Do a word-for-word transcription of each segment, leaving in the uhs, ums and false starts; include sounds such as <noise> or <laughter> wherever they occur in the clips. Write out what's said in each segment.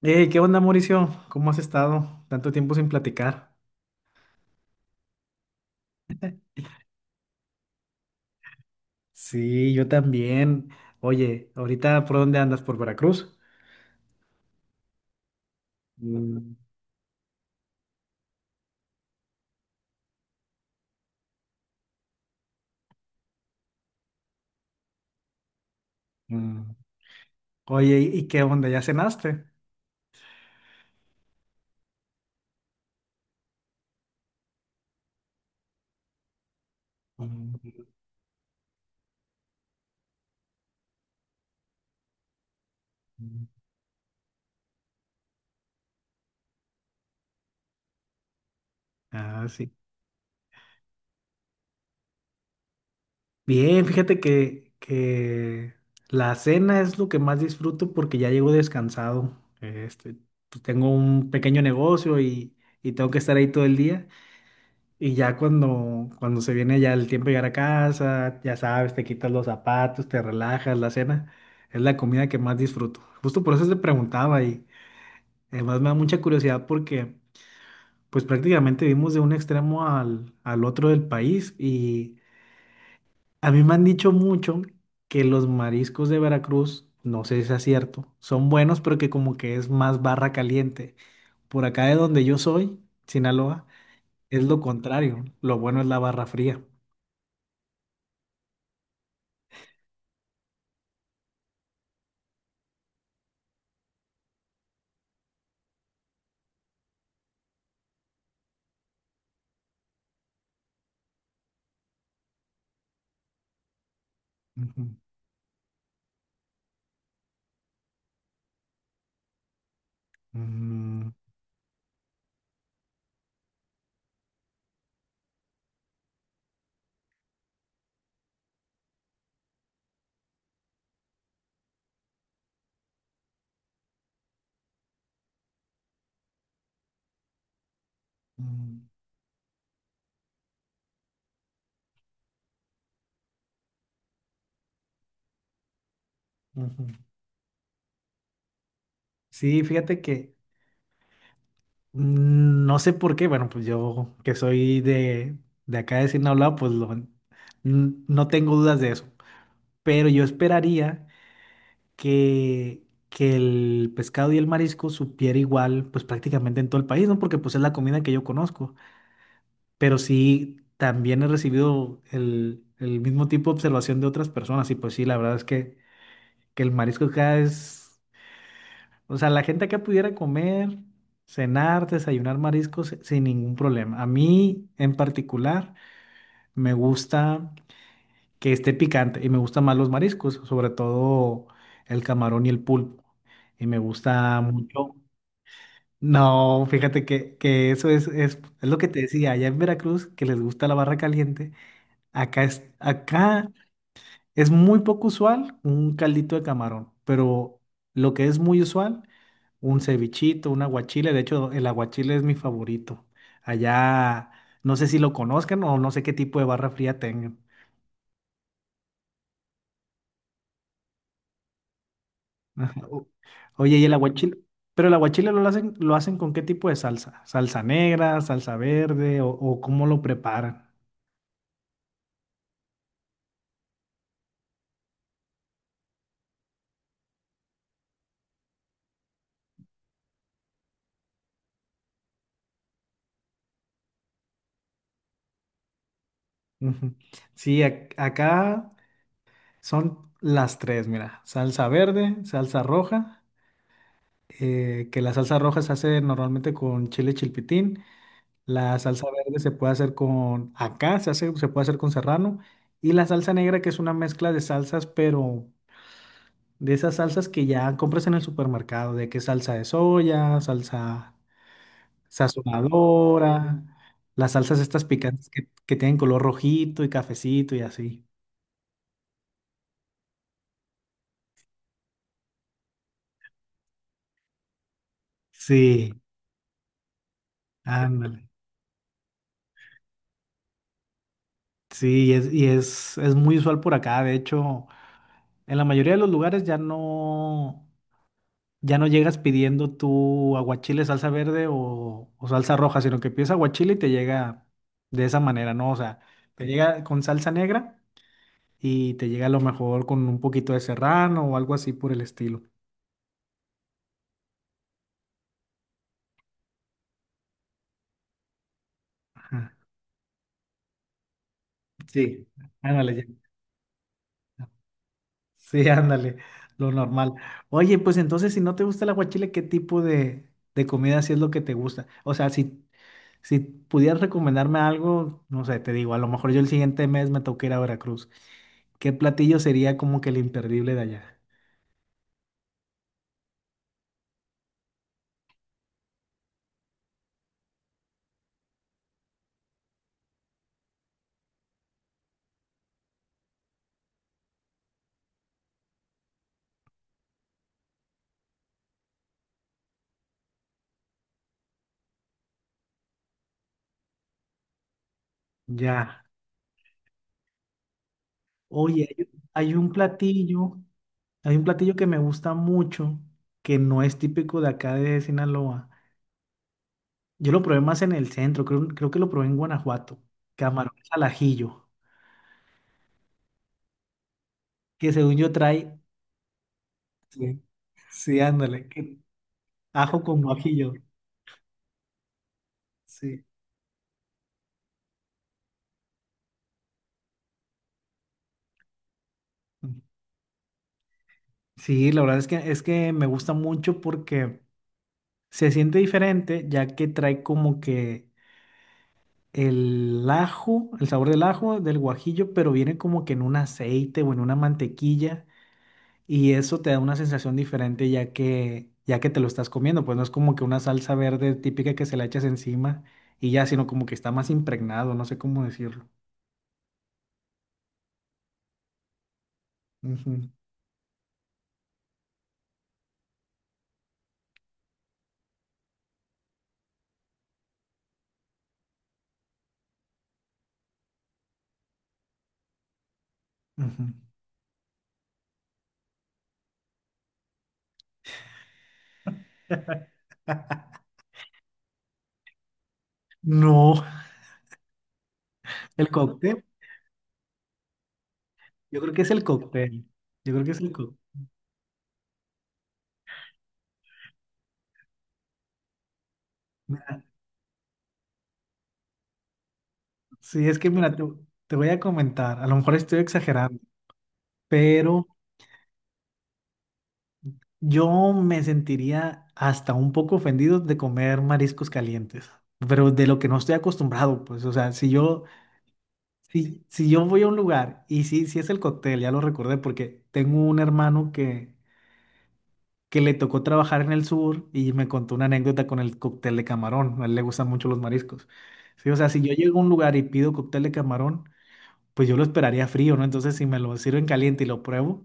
Hey, ¿qué onda, Mauricio? ¿Cómo has estado? Tanto tiempo sin platicar. Sí, yo también. Oye, ahorita, ¿por dónde andas? ¿Por Veracruz? Mm, mm. Oye, ¿y y qué onda? ¿Ya cenaste? Mm, mm. Ah, sí. Bien, fíjate que, que la cena es lo que más disfruto porque ya llego descansado. Este, pues tengo un pequeño negocio y, y tengo que estar ahí todo el día. Y ya cuando, cuando se viene ya el tiempo de llegar a casa, ya sabes, te quitas los zapatos, te relajas, la cena, es la comida que más disfruto. Justo por eso te preguntaba y además me da mucha curiosidad porque pues prácticamente vivimos de un extremo al, al otro del país y a mí me han dicho mucho que los mariscos de Veracruz, no sé si es cierto, son buenos pero que como que es más barra caliente. Por acá de donde yo soy, Sinaloa, es lo contrario, lo bueno es la barra fría. Ujú. Mm, mm, ujú. Sí, fíjate que mm, no sé por qué, bueno, pues yo que soy de, de acá de Sinaloa, pues lo- n- no tengo dudas de eso. Pero yo esperaría que, que el pescado y el marisco supiera igual, pues prácticamente en todo el país, ¿no? Porque pues es la comida que yo conozco. Pero sí, también he recibido el, el mismo tipo de observación de otras personas y pues sí, la verdad es que, que el marisco acá es... O sea, la gente acá pudiera comer, cenar, desayunar mariscos si- sin ningún problema. A mí en particular me gusta que esté picante y me gustan más los mariscos, sobre todo el camarón y el pulpo. Y me gusta mucho. No, fíjate que, que eso es, es, es lo que te decía, allá en Veracruz, que les gusta la barra caliente. Acá, es, acá es muy poco usual un caldito de camarón, pero lo que es muy usual, un cevichito, un aguachile. De hecho, el aguachile es mi favorito. Allá, no sé si lo conozcan o no sé qué tipo de barra fría tengan. Ajá. O- Oye, ¿y el aguachile? Pero el aguachile lo hacen, lo hacen con qué tipo de salsa? ¿Salsa negra, salsa verde o, o cómo lo preparan? Ujú. Sí, ac- acá son las tres, mira, salsa verde, salsa roja. Eh, que la salsa roja se hace normalmente con chile chilpitín, la salsa verde se puede hacer con acá, se hace, se puede hacer con serrano, y la salsa negra que es una mezcla de salsas, pero de esas salsas que ya compras en el supermercado, de que salsa de soya, salsa sazonadora, las salsas estas picantes que, que tienen color rojito y cafecito y así. Sí, ándale. Sí, y es, y es, es muy usual por acá. De hecho, en la mayoría de los lugares ya no. Ya no llegas pidiendo tu aguachile, salsa verde o, o salsa roja, sino que pides aguachile y te llega de esa manera, ¿no? O sea, te llega con salsa negra y te llega a lo mejor con un poquito de serrano o algo así por el estilo. Ajá. Sí. Ándale, ya. Sí, ándale, lo normal. Oye, pues entonces, si no te gusta el aguachile, ¿qué tipo de, de comida sí es lo que te gusta? O sea, si si pudieras recomendarme algo, no sé, te digo, a lo mejor yo el siguiente mes me toca ir a Veracruz. ¿Qué platillo sería como que el imperdible de allá? Ya. Oye, hay hay un platillo, hay un platillo que me gusta mucho, que no es típico de acá de Sinaloa. Yo lo probé más en el centro, creo, creo que lo probé en Guanajuato. Camarones al ajillo, que según yo trae... Sí, sí, ándale, que ajo con guajillo. Sí. <laughs> Sí, la verdad es que, es que me gusta mucho porque... Se siente diferente ya que trae como que el ajo, el sabor del ajo, del guajillo, pero viene como que en un aceite o en una mantequilla y eso te da una sensación diferente ya que ya que te lo estás comiendo, pues no es como que una salsa verde típica que se la echas encima y ya, sino como que está más impregnado, no sé cómo decirlo. Ujú, ujú. <laughs> No, el cóctel. Yo creo que es el cóctel. Yo creo que es el cóctel. Sí, es que mira, te, te voy a comentar. A lo mejor estoy exagerando. Pero yo me sentiría hasta un poco ofendido de comer mariscos calientes, pero de lo que no estoy acostumbrado, pues, o sea, si yo, si, si yo voy a un lugar y sí, sí es el cóctel, ya lo recordé porque tengo un hermano que, que le tocó trabajar en el sur y me contó una anécdota con el cóctel de camarón, a él le gustan mucho los mariscos. Sí, o sea, si yo llego a un lugar y pido cóctel de camarón, pues yo lo esperaría frío, ¿no? Entonces, si me lo sirven caliente y lo pruebo,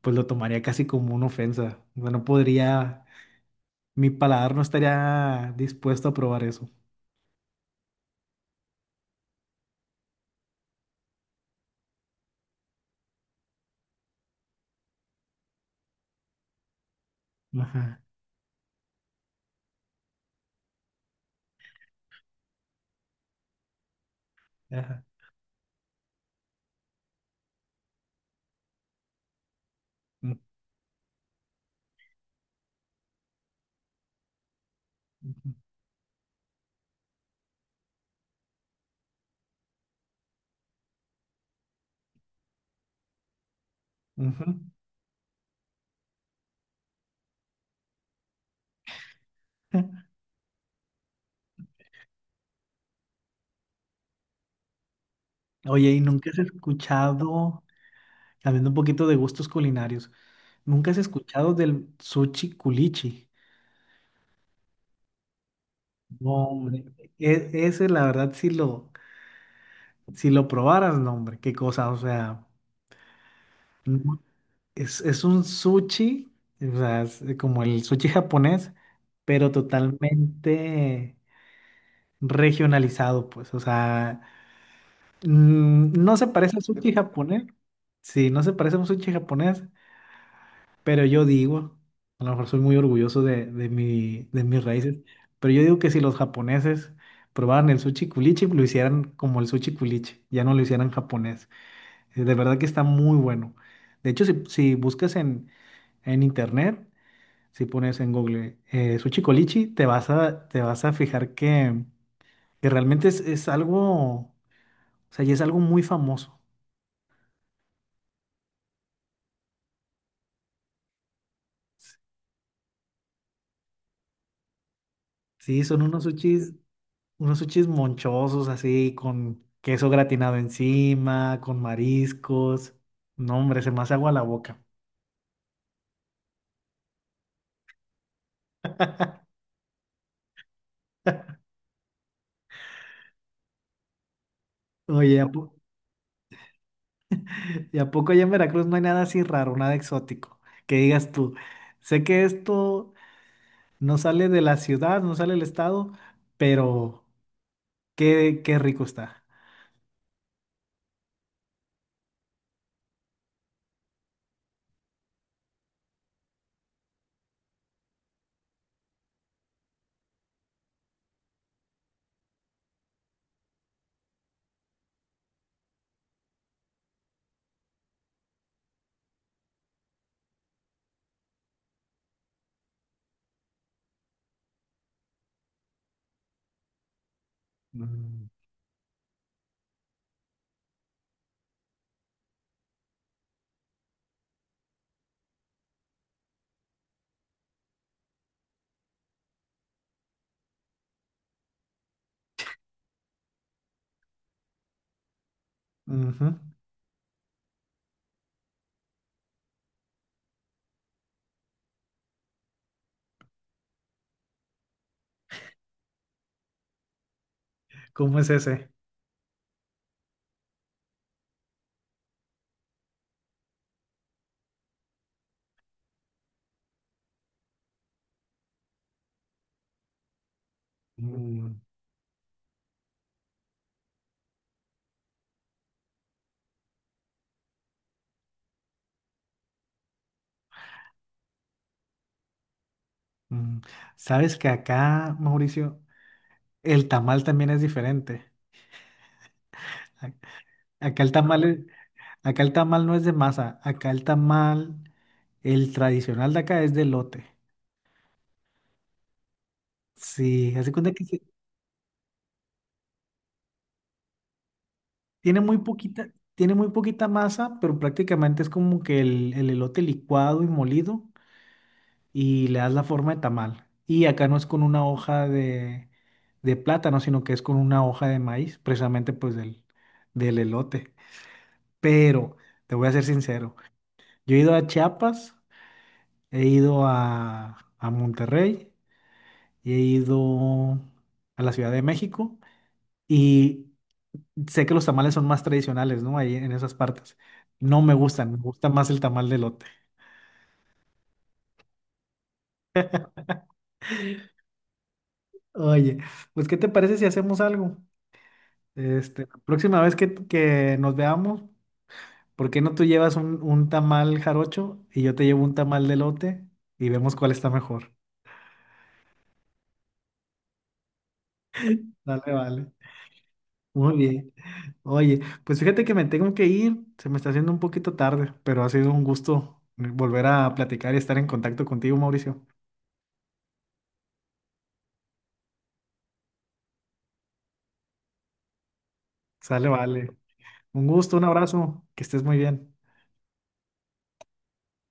pues lo tomaría casi como una ofensa. O sea, no podría. Mi paladar no estaría dispuesto a probar eso. Ajá, ajá. Ujú, <laughs> ujú. Oye, ¿y nunca has escuchado, cambiando un poquito de gustos culinarios, nunca has escuchado del sushi culichi? No, hombre, e- ese la verdad si lo, si lo probaras, no, hombre, qué cosa, o sea, no- es, es un sushi, o sea, es eh, como el sushi japonés, pero totalmente regionalizado, pues, o sea, mm, no se parece a sushi japonés. Sí, no se parece a un sushi japonés, pero yo digo, a lo mejor soy muy orgulloso de, de mi, de mis raíces, pero yo digo que si los japoneses probaran el sushi culichi, lo hicieran como el sushi culichi, ya no lo hicieran japonés. Eh, De verdad que está muy bueno. De hecho, si, si buscas en, en internet, si pones en Google eh, sushi culichi, te vas a, te vas a fijar que, que realmente es, es algo, o sea, ya es algo muy famoso. Sí, son unos sushis, unos sushis monchosos así, con queso gratinado encima, con mariscos. No, hombre, se me hace agua la boca. Oye, ¿a po- ¿y a poco allá en Veracruz no hay nada así raro, nada exótico? Que digas tú, sé que esto no sale de la ciudad, no sale del estado, pero qué, qué rico está. Mm, ujú. ¿Cómo es ese? Mm, mm. ¿Sabes que acá, Mauricio, el tamal también es diferente? Acá el tamal, es- Acá el tamal no es de masa, acá el tamal, el tradicional de acá es de lote. Sí, hace cuenta que se- tiene muy poquita, tiene muy poquita masa, pero prácticamente es como que el, el elote licuado y molido y le das la forma de tamal. Y acá no es con una hoja de, de plátano, sino que es con una hoja de maíz, precisamente pues del, del elote. Pero te voy a ser sincero, yo he ido a Chiapas, he ido a, a Monterrey, y he ido a la Ciudad de México y sé que los tamales son más tradicionales, ¿no? Ahí en esas partes. No me gustan, me gusta más el tamal de lote. Oye, pues ¿qué te parece si hacemos algo? Este, la próxima vez que, que nos veamos, ¿por qué no tú llevas un, un tamal jarocho y yo te llevo un tamal de lote y vemos cuál está mejor? Dale, vale. Muy bien. Oye, pues fíjate que me tengo que ir, se me está haciendo un poquito tarde, pero ha sido un gusto volver a platicar y estar en contacto contigo, Mauricio. Sale, vale. Un gusto, un abrazo, que estés muy bien.